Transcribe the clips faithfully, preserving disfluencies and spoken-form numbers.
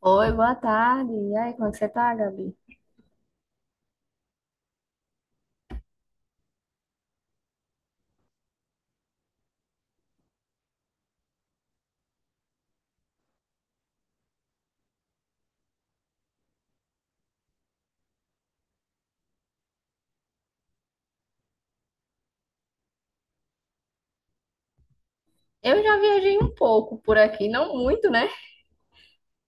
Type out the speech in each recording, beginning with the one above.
Oi, boa tarde. E aí, como é que você tá, Gabi? Eu já viajei um pouco por aqui, não muito, né?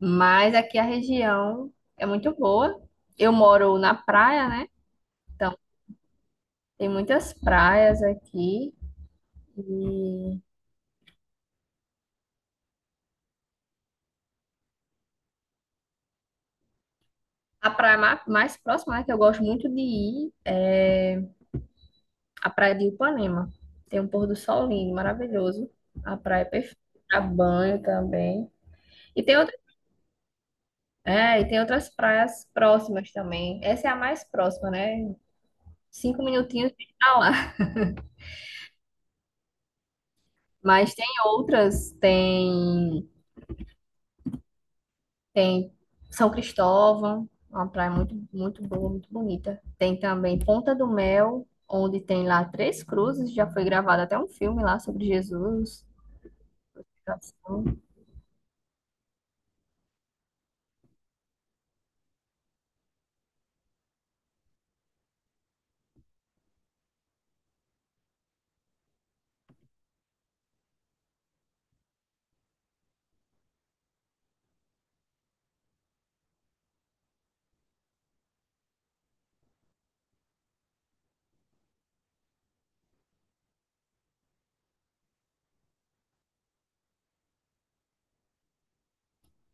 Mas aqui a região é muito boa. Eu moro na praia, né? Então, tem muitas praias aqui. E a praia ma- mais próxima, né, que eu gosto muito de ir é a praia de Ipanema. Tem um pôr do sol lindo, maravilhoso. A praia é perfeita. Pra banho também. E tem outra- é, e tem outras praias próximas também. Essa é a mais próxima, né? Cinco minutinhos de estar lá. Mas tem outras, tem, tem São Cristóvão, uma praia muito, muito boa, muito bonita. Tem também Ponta do Mel, onde tem lá três cruzes, já foi gravado até um filme lá sobre Jesus.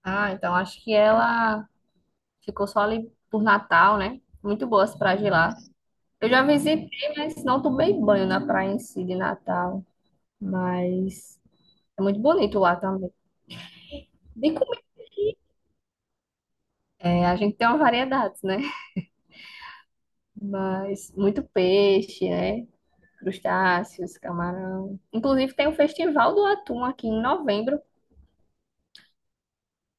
Ah, então acho que ela ficou só ali por Natal, né? Muito boa as praias de lá. Eu já visitei, mas não tomei banho na praia em si de Natal. Mas é muito bonito lá também. De comer, é, a gente tem uma variedade, né? Mas muito peixe, né? Crustáceos, camarão. Inclusive tem o Festival do Atum aqui em novembro.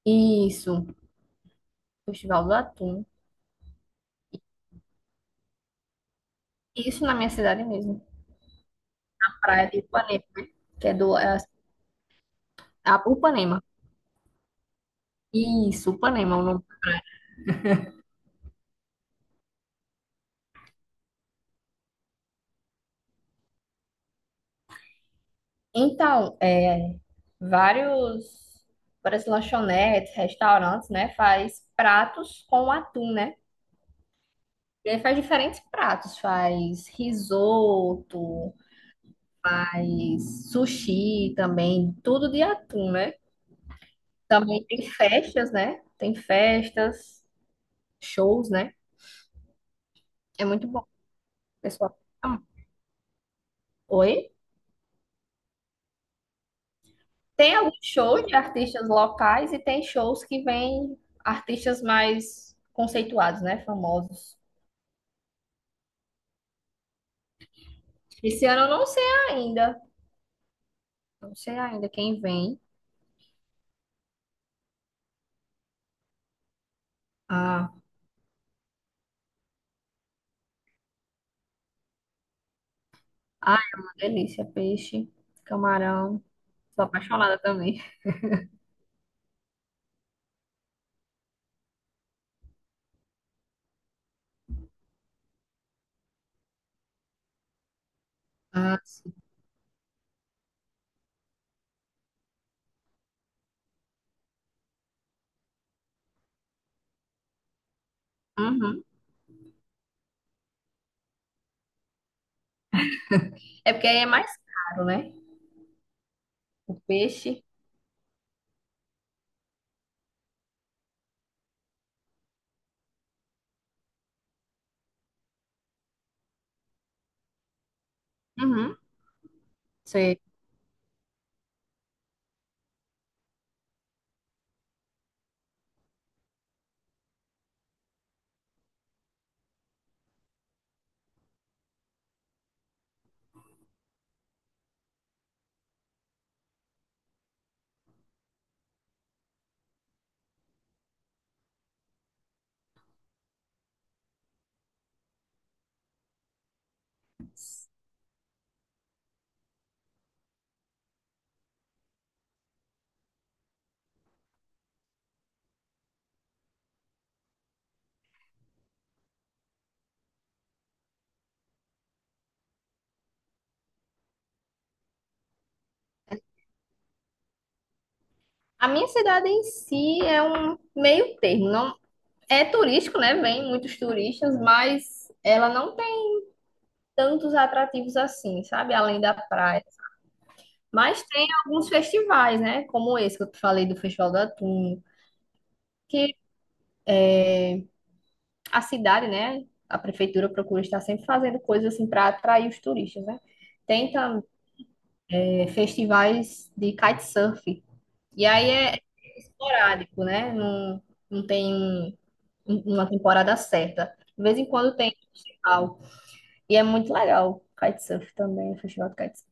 Isso, Festival do Atum. Isso na minha cidade mesmo, praia de Ipanema, que é do é a Upanema. Isso, Upanema, é o nome. Então, é, vários, várias lanchonetes, restaurantes, né, faz pratos com atum, né? E aí faz diferentes pratos, faz risoto, faz sushi também, tudo de atum, né? Também tem festas, né? Tem festas, shows, né? É muito bom, pessoal. Ah, Oi? Tem alguns shows de artistas locais e tem shows que vêm artistas mais conceituados, né? Famosos. Esse ano eu não sei ainda. Não sei ainda quem vem. Ah, ah, é uma delícia. Peixe, camarão. Sou apaixonada também. Ah, sim. Uhum. É porque aí é mais caro, né? O peixe. Uhum. Sei. A minha cidade em si é um meio termo. Não é turístico, né? Vem muitos turistas, mas ela não tem tantos atrativos assim, sabe? Além da praia. Mas tem alguns festivais, né? Como esse que eu te falei do Festival do Atum, que a cidade, né? A prefeitura procura estar sempre fazendo coisas assim para atrair os turistas, né? Tem também é, festivais de kitesurf. E aí é esporádico, né? Não, não tem um numa temporada certa. De vez em quando tem festival. E é muito legal. Kitesurf também, o festival de kitesurf.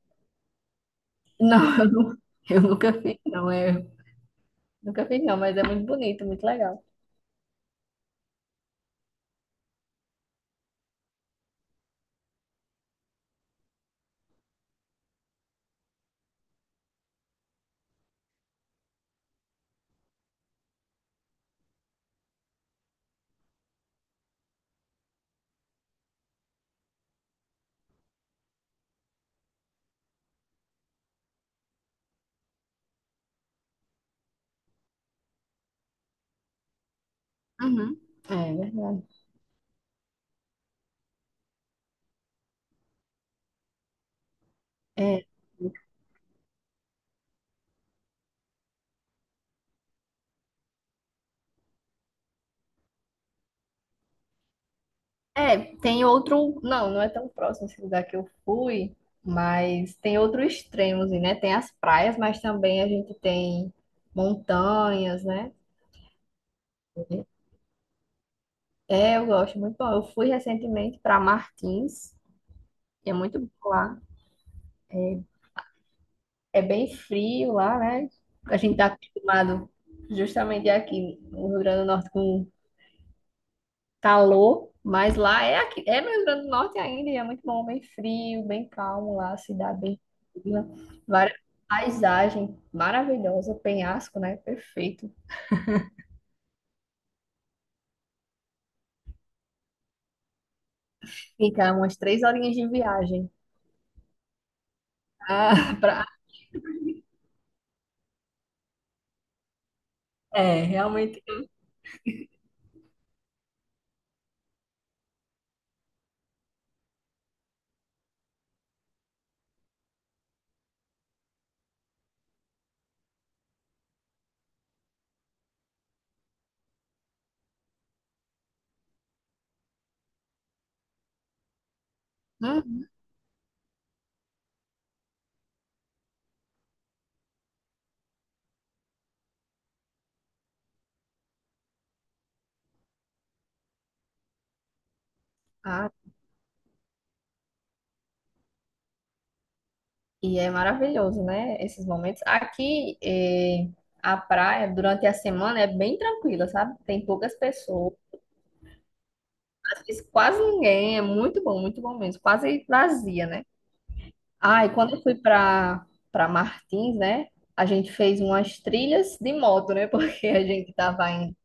Não, eu, nu- eu nunca fiz, não. Eu nunca fiz, não, mas é muito bonito, muito legal. Uhum. É verdade. É. É, tem outro. Não, não é tão próximo esse lugar que eu fui, mas tem outro extremo, assim, né? Tem as praias, mas também a gente tem montanhas, né? É, eu gosto muito bom. Eu fui recentemente para Martins, e é muito bom lá. É, É bem frio lá, né? A gente tá acostumado justamente aqui no Rio Grande do Norte com calor, mas lá é aqui, é no Rio Grande do Norte ainda, e é muito bom, bem frio, bem calmo lá, cidade bem fria, várias paisagem maravilhosa, penhasco, né? Perfeito. Fica umas três horinhas de viagem. Ah, pra... É, realmente. Uhum. Ah, e é maravilhoso, né? Esses momentos. Aqui, eh, a praia, durante a semana, é bem tranquila, sabe? Tem poucas pessoas, quase ninguém. É muito bom, muito bom mesmo. Quase vazia, né? Ah, e quando eu fui para para Martins, né? A gente fez umas trilhas de moto, né? Porque a gente tava indo.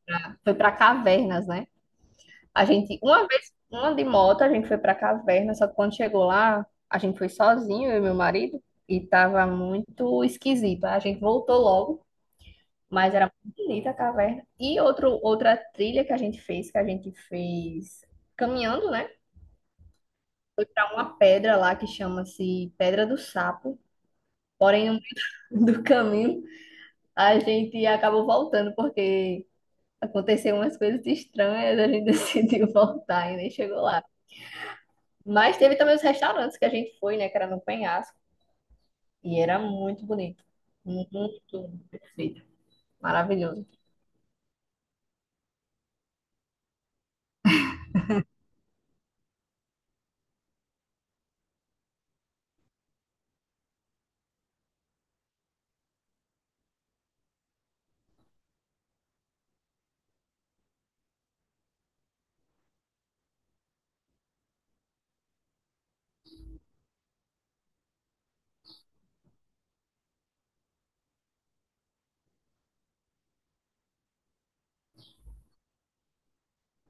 Foi para cavernas, né? A gente, uma vez, uma de moto, a gente foi para caverna, só que quando chegou lá, a gente foi sozinho, eu e meu marido. E tava muito esquisito. Aí a gente voltou logo. Mas era muito bonita a caverna. E outro, outra trilha que a gente fez, que a gente fez caminhando, né? Para uma pedra lá que chama-se Pedra do Sapo. Porém, no meio do caminho, a gente acabou voltando, porque aconteceu umas coisas estranhas, a gente decidiu voltar e nem chegou lá. Mas teve também os restaurantes que a gente foi, né? Que era no penhasco. E era muito bonito. Muito perfeito. Maravilhoso.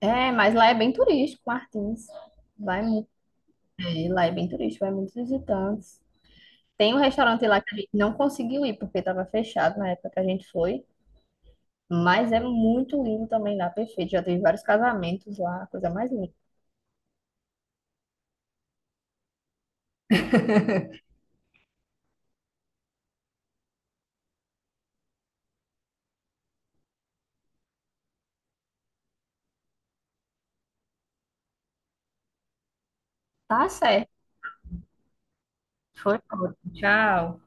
É, mas lá é bem turístico, Martins. Vai muito. É, lá é bem turístico, vai muitos visitantes. Tem um restaurante lá que a gente não conseguiu ir porque estava fechado na época que a gente foi, mas é muito lindo também lá, perfeito. Já teve vários casamentos lá, coisa mais linda. Tá certo. Foi ótimo. Tchau.